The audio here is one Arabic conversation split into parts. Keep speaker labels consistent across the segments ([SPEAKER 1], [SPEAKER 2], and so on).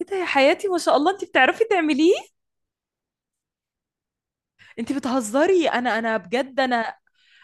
[SPEAKER 1] ايه ده يا حياتي، ما شاء الله انت بتعرفي تعمليه؟ انت بتهزري؟ انا بجد، انا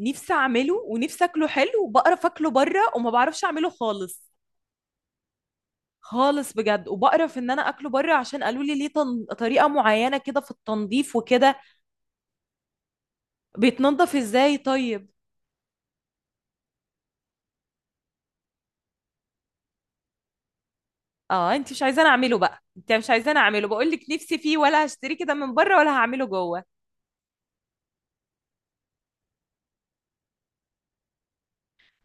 [SPEAKER 1] نفسي اعمله ونفسي اكله حلو، وبقرف اكله بره وما بعرفش اعمله خالص. خالص بجد، وبقرف ان انا اكله بره عشان قالوا لي ليه طريقه معينه كده في التنظيف وكده. بيتنضف ازاي طيب؟ اه، انت مش عايزاني اعمله بقى، انت مش عايزاني اعمله. بقول لك نفسي فيه، ولا هشتريه كده من بره ولا هعمله جوه؟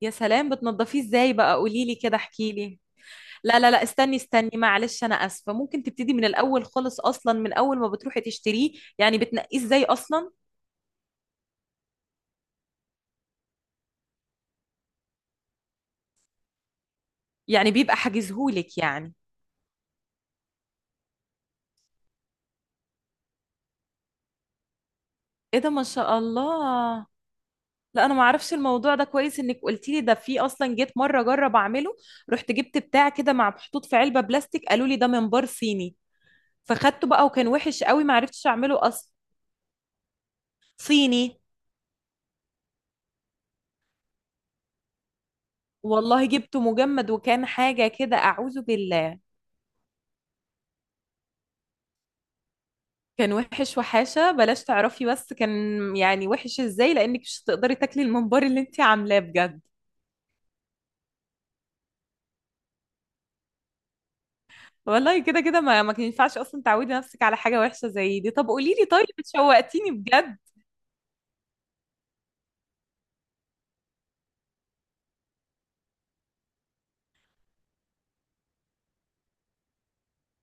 [SPEAKER 1] يا سلام، بتنضفيه ازاي بقى؟ قولي لي كده، احكي لي. لا لا لا، استني استني، معلش انا اسفه، ممكن تبتدي من الاول خالص، اصلا من اول ما بتروحي تشتريه؟ يعني بتنقيه ازاي اصلا؟ يعني بيبقى حاجزهولك يعني؟ ايه ده، ما شاء الله. لا انا ما اعرفش الموضوع ده كويس، انك قلتي لي ده. في اصلا جيت مره اجرب اعمله، رحت جبت بتاع كده مع محطوط في علبه بلاستيك، قالوا لي ده منبار صيني. فخدته بقى وكان وحش قوي، ما عرفتش اعمله اصلا. صيني. والله جبته مجمد، وكان حاجه كده اعوذ بالله. كان وحش وحاشة بلاش تعرفي، بس كان يعني وحش ازاي، لانك مش هتقدري تاكلي الممبار اللي انت عاملاه بجد. والله كده كده، ما كان ينفعش اصلا تعودي نفسك على حاجة وحشة زي دي. طب قولي لي طيب، شوقتيني بجد.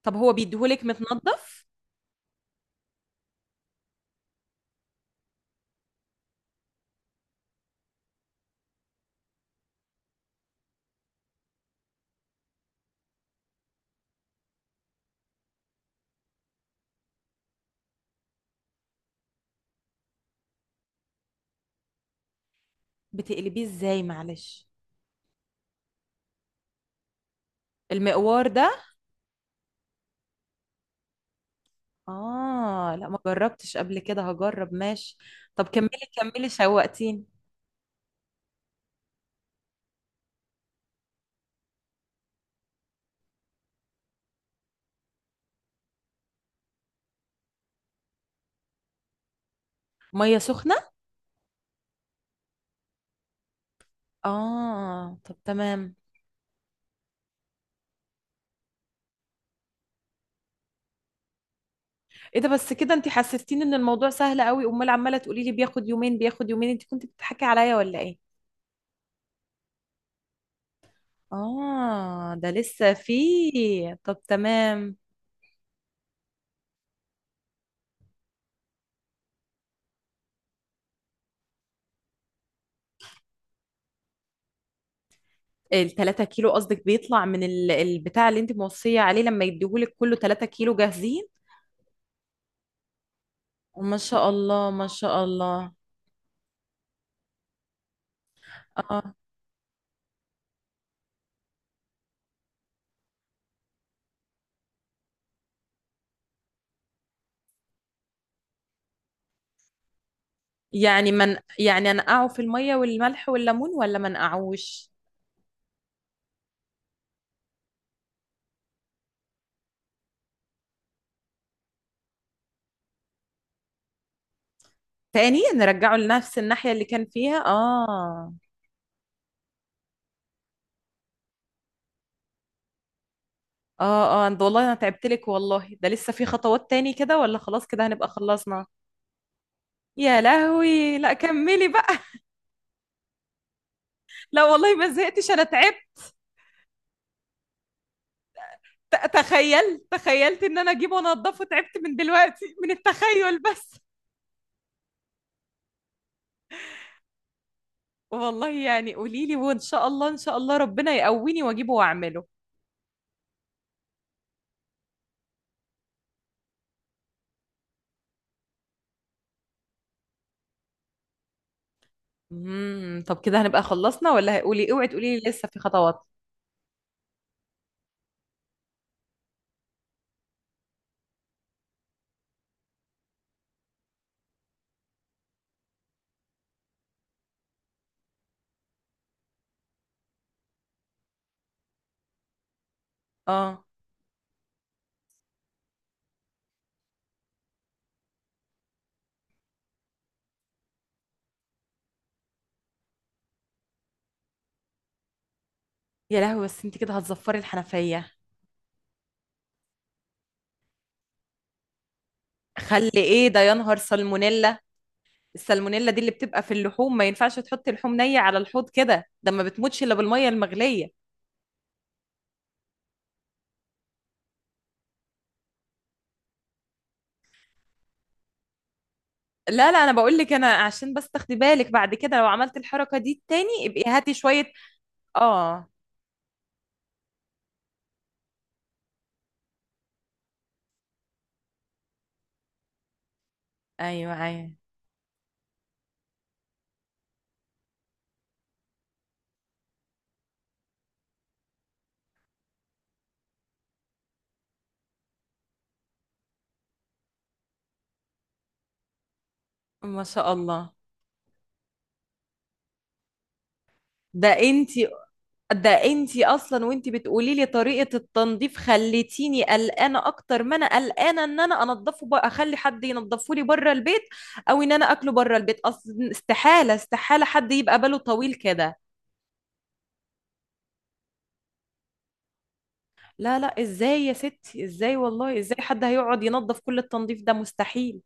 [SPEAKER 1] طب هو بيديهولك متنضف؟ بتقلبيه ازاي معلش؟ المقوار ده؟ اه لا، ما جربتش قبل كده، هجرب ماشي. طب كملي. كملي، شوقتيني. مية سخنة؟ اه طب تمام. ايه ده؟ بس كده انت حسستيني ان الموضوع سهل قوي، امال عماله تقولي لي بياخد يومين بياخد يومين؟ انت كنت بتضحكي عليا ولا ايه؟ اه ده لسه فيه، طب تمام. التلاتة كيلو قصدك بيطلع من البتاع اللي انت موصية عليه؟ لما يديهولك كله 3 كيلو جاهزين؟ ما شاء الله ما شاء الله. اه. يعني من يعني انقعه في المية والملح والليمون ولا ما نقعوش؟ تاني نرجعه لنفس الناحية اللي كان فيها؟ اه. اه اه، ده والله انا تعبت لك، والله ده لسه في خطوات تاني كده، ولا خلاص كده هنبقى خلصنا؟ يا لهوي، لا كملي بقى. لا والله ما زهقتش، انا تعبت. تخيل، تخيلت ان انا اجيبه وانضفه، تعبت من دلوقتي من التخيل بس. والله يعني قولي لي، وان شاء الله، ان شاء الله ربنا يقويني واجيبه واعمله. طب كده هنبقى خلصنا، ولا قولي اوعي تقولي لي لسه في خطوات؟ اه. يا لهوي، بس انت كده هتزفري الحنفية. خلي ايه ده، يا نهار سالمونيلا. السالمونيلا دي اللي بتبقى في اللحوم، ما ينفعش تحطي لحوم نية على الحوض كده، ده ما بتموتش الا بالمية المغلية. لا لا، انا بقول لك، انا عشان بس تاخدي بالك بعد كده لو عملت الحركة دي تاني ابقي هاتي شوية. اه. ايوه ايوه. ما شاء الله. ده انتي، ده انتي اصلا وانتي بتقولي لي طريقة التنظيف خليتيني قلقانة اكتر، ما انا قلقانة ان انا انضفه بقى اخلي حد ينضفه لي بره البيت، او ان انا اكله بره البيت اصلا. استحالة استحالة حد يبقى باله طويل كده. لا لا، ازاي يا ستي؟ ازاي والله؟ ازاي حد هيقعد ينظف كل التنظيف ده؟ مستحيل.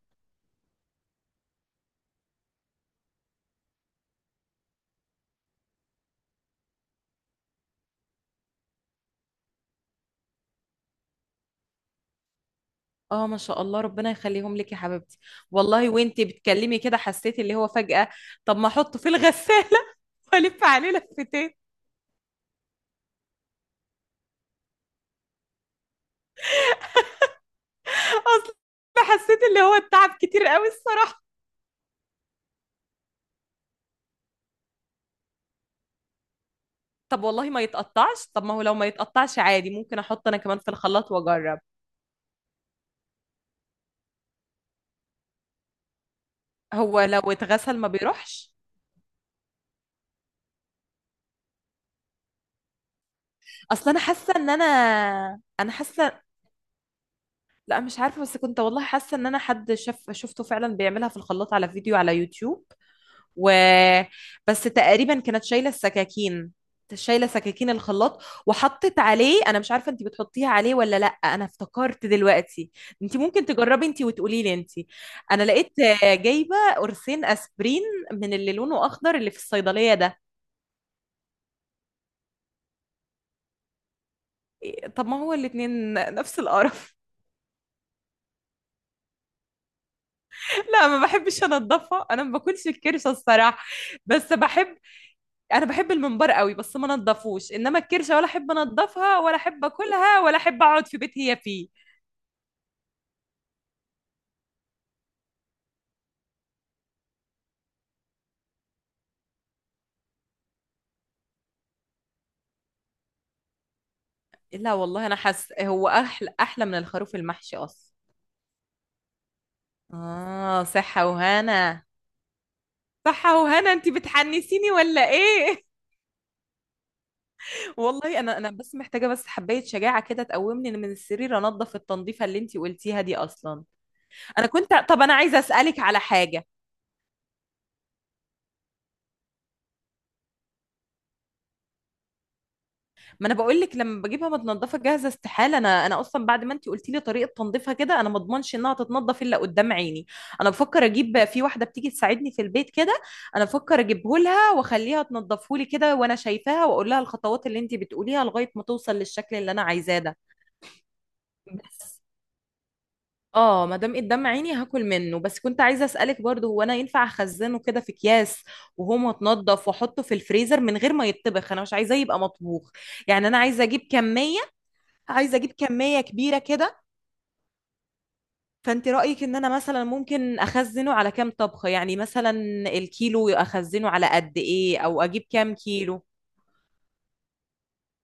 [SPEAKER 1] اه، ما شاء الله ربنا يخليهم لك يا حبيبتي. والله وانتي بتكلمي كده حسيت اللي هو فجأة، طب ما احطه في الغسالة والف عليه لفتين. اصل حسيت اللي هو التعب كتير قوي الصراحة. طب والله ما يتقطعش، طب ما هو لو ما يتقطعش عادي، ممكن احط انا كمان في الخلاط واجرب. هو لو اتغسل ما بيروحش. اصل انا حاسة. لا مش عارفة، بس كنت والله حاسة ان انا حد شفته فعلا بيعملها في الخلاط على فيديو على يوتيوب. و بس تقريبا كانت شايلة السكاكين، شايلة سكاكين الخلاط، وحطت عليه. انا مش عارفة انت بتحطيها عليه ولا لا، انا افتكرت دلوقتي. انت ممكن تجربي انت وتقولي لي انت. انا لقيت جايبة قرصين اسبرين من اللي لونه اخضر اللي في الصيدلية ده. إيه، طب ما هو الاتنين نفس القرف. لا ما بحبش انضفها، انا ما باكلش الكرشة الصراحة. بس بحب، انا بحب الممبار قوي بس ما نضفوش. انما الكرشه، ولا احب انضفها ولا احب اكلها ولا احب اقعد في بيت هي فيه. لا والله انا حاسه هو احلى، احلى من الخروف المحشي اصلا. اه صحه وهنا. صحه وهنا، انت بتحنسيني ولا ايه؟ والله انا بس محتاجه بس حبايه شجاعه كده تقومني من السرير انضف التنظيفه اللي انت قلتيها دي اصلا. انا كنت، طب انا عايزه اسالك على حاجه. ما انا بقول لك لما بجيبها متنضفه جاهزه استحاله، انا اصلا بعد ما انت قلتي لي طريقه تنظيفها كده انا ما اضمنش انها تتنضف الا قدام عيني. انا بفكر اجيب في واحده بتيجي تساعدني في البيت كده، انا بفكر اجيبه لها واخليها تنضفه لي كده وانا شايفاها واقول لها الخطوات اللي انت بتقوليها لغايه ما توصل للشكل اللي انا عايزاه ده. بس اه، ما دام قدام عيني هاكل منه. بس كنت عايزه اسالك برضه، هو انا ينفع اخزنه كده في اكياس وهو متنضف واحطه في الفريزر من غير ما يتطبخ؟ انا مش عايزاه يبقى مطبوخ. يعني انا عايزه اجيب كميه كبيره كده. فانت رايك ان انا مثلا ممكن اخزنه على كام طبخه يعني؟ مثلا الكيلو اخزنه على قد ايه؟ او اجيب كام كيلو؟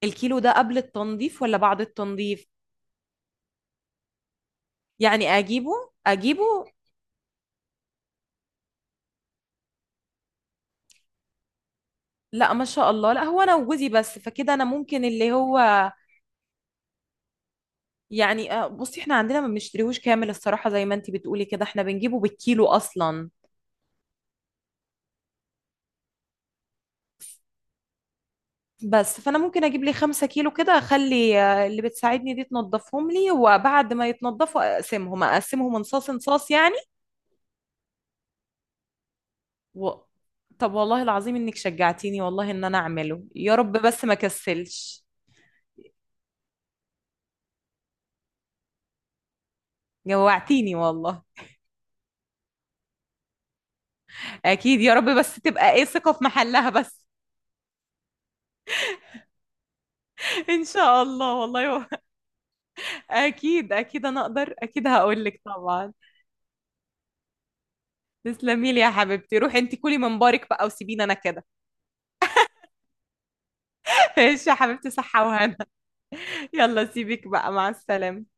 [SPEAKER 1] الكيلو ده قبل التنظيف ولا بعد التنظيف؟ يعني اجيبه، اجيبه. لا ما شاء الله، لا هو انا وجوزي بس، فكده انا ممكن اللي هو يعني، بصي احنا عندنا ما بنشتريهوش كامل الصراحه، زي ما انت بتقولي كده احنا بنجيبه بالكيلو اصلا. بس فانا ممكن اجيب لي 5 كيلو كده، اخلي اللي بتساعدني دي تنضفهم لي، وبعد ما يتنضفوا اقسمهم اقسمهم انصاص انصاص يعني. و... طب والله العظيم انك شجعتيني والله ان انا اعمله، يا رب بس ما كسلش. جوعتيني والله. اكيد يا رب، بس تبقى ايه ثقة في محلها بس. ان شاء الله والله، اكيد اكيد، انا اقدر اكيد. هقول لك طبعا. تسلمي لي يا حبيبتي، روحي انت كلي من بارك بقى وسيبيني انا كده. ايش يا حبيبتي، صحة وهنا. يلا سيبك بقى، مع السلامة.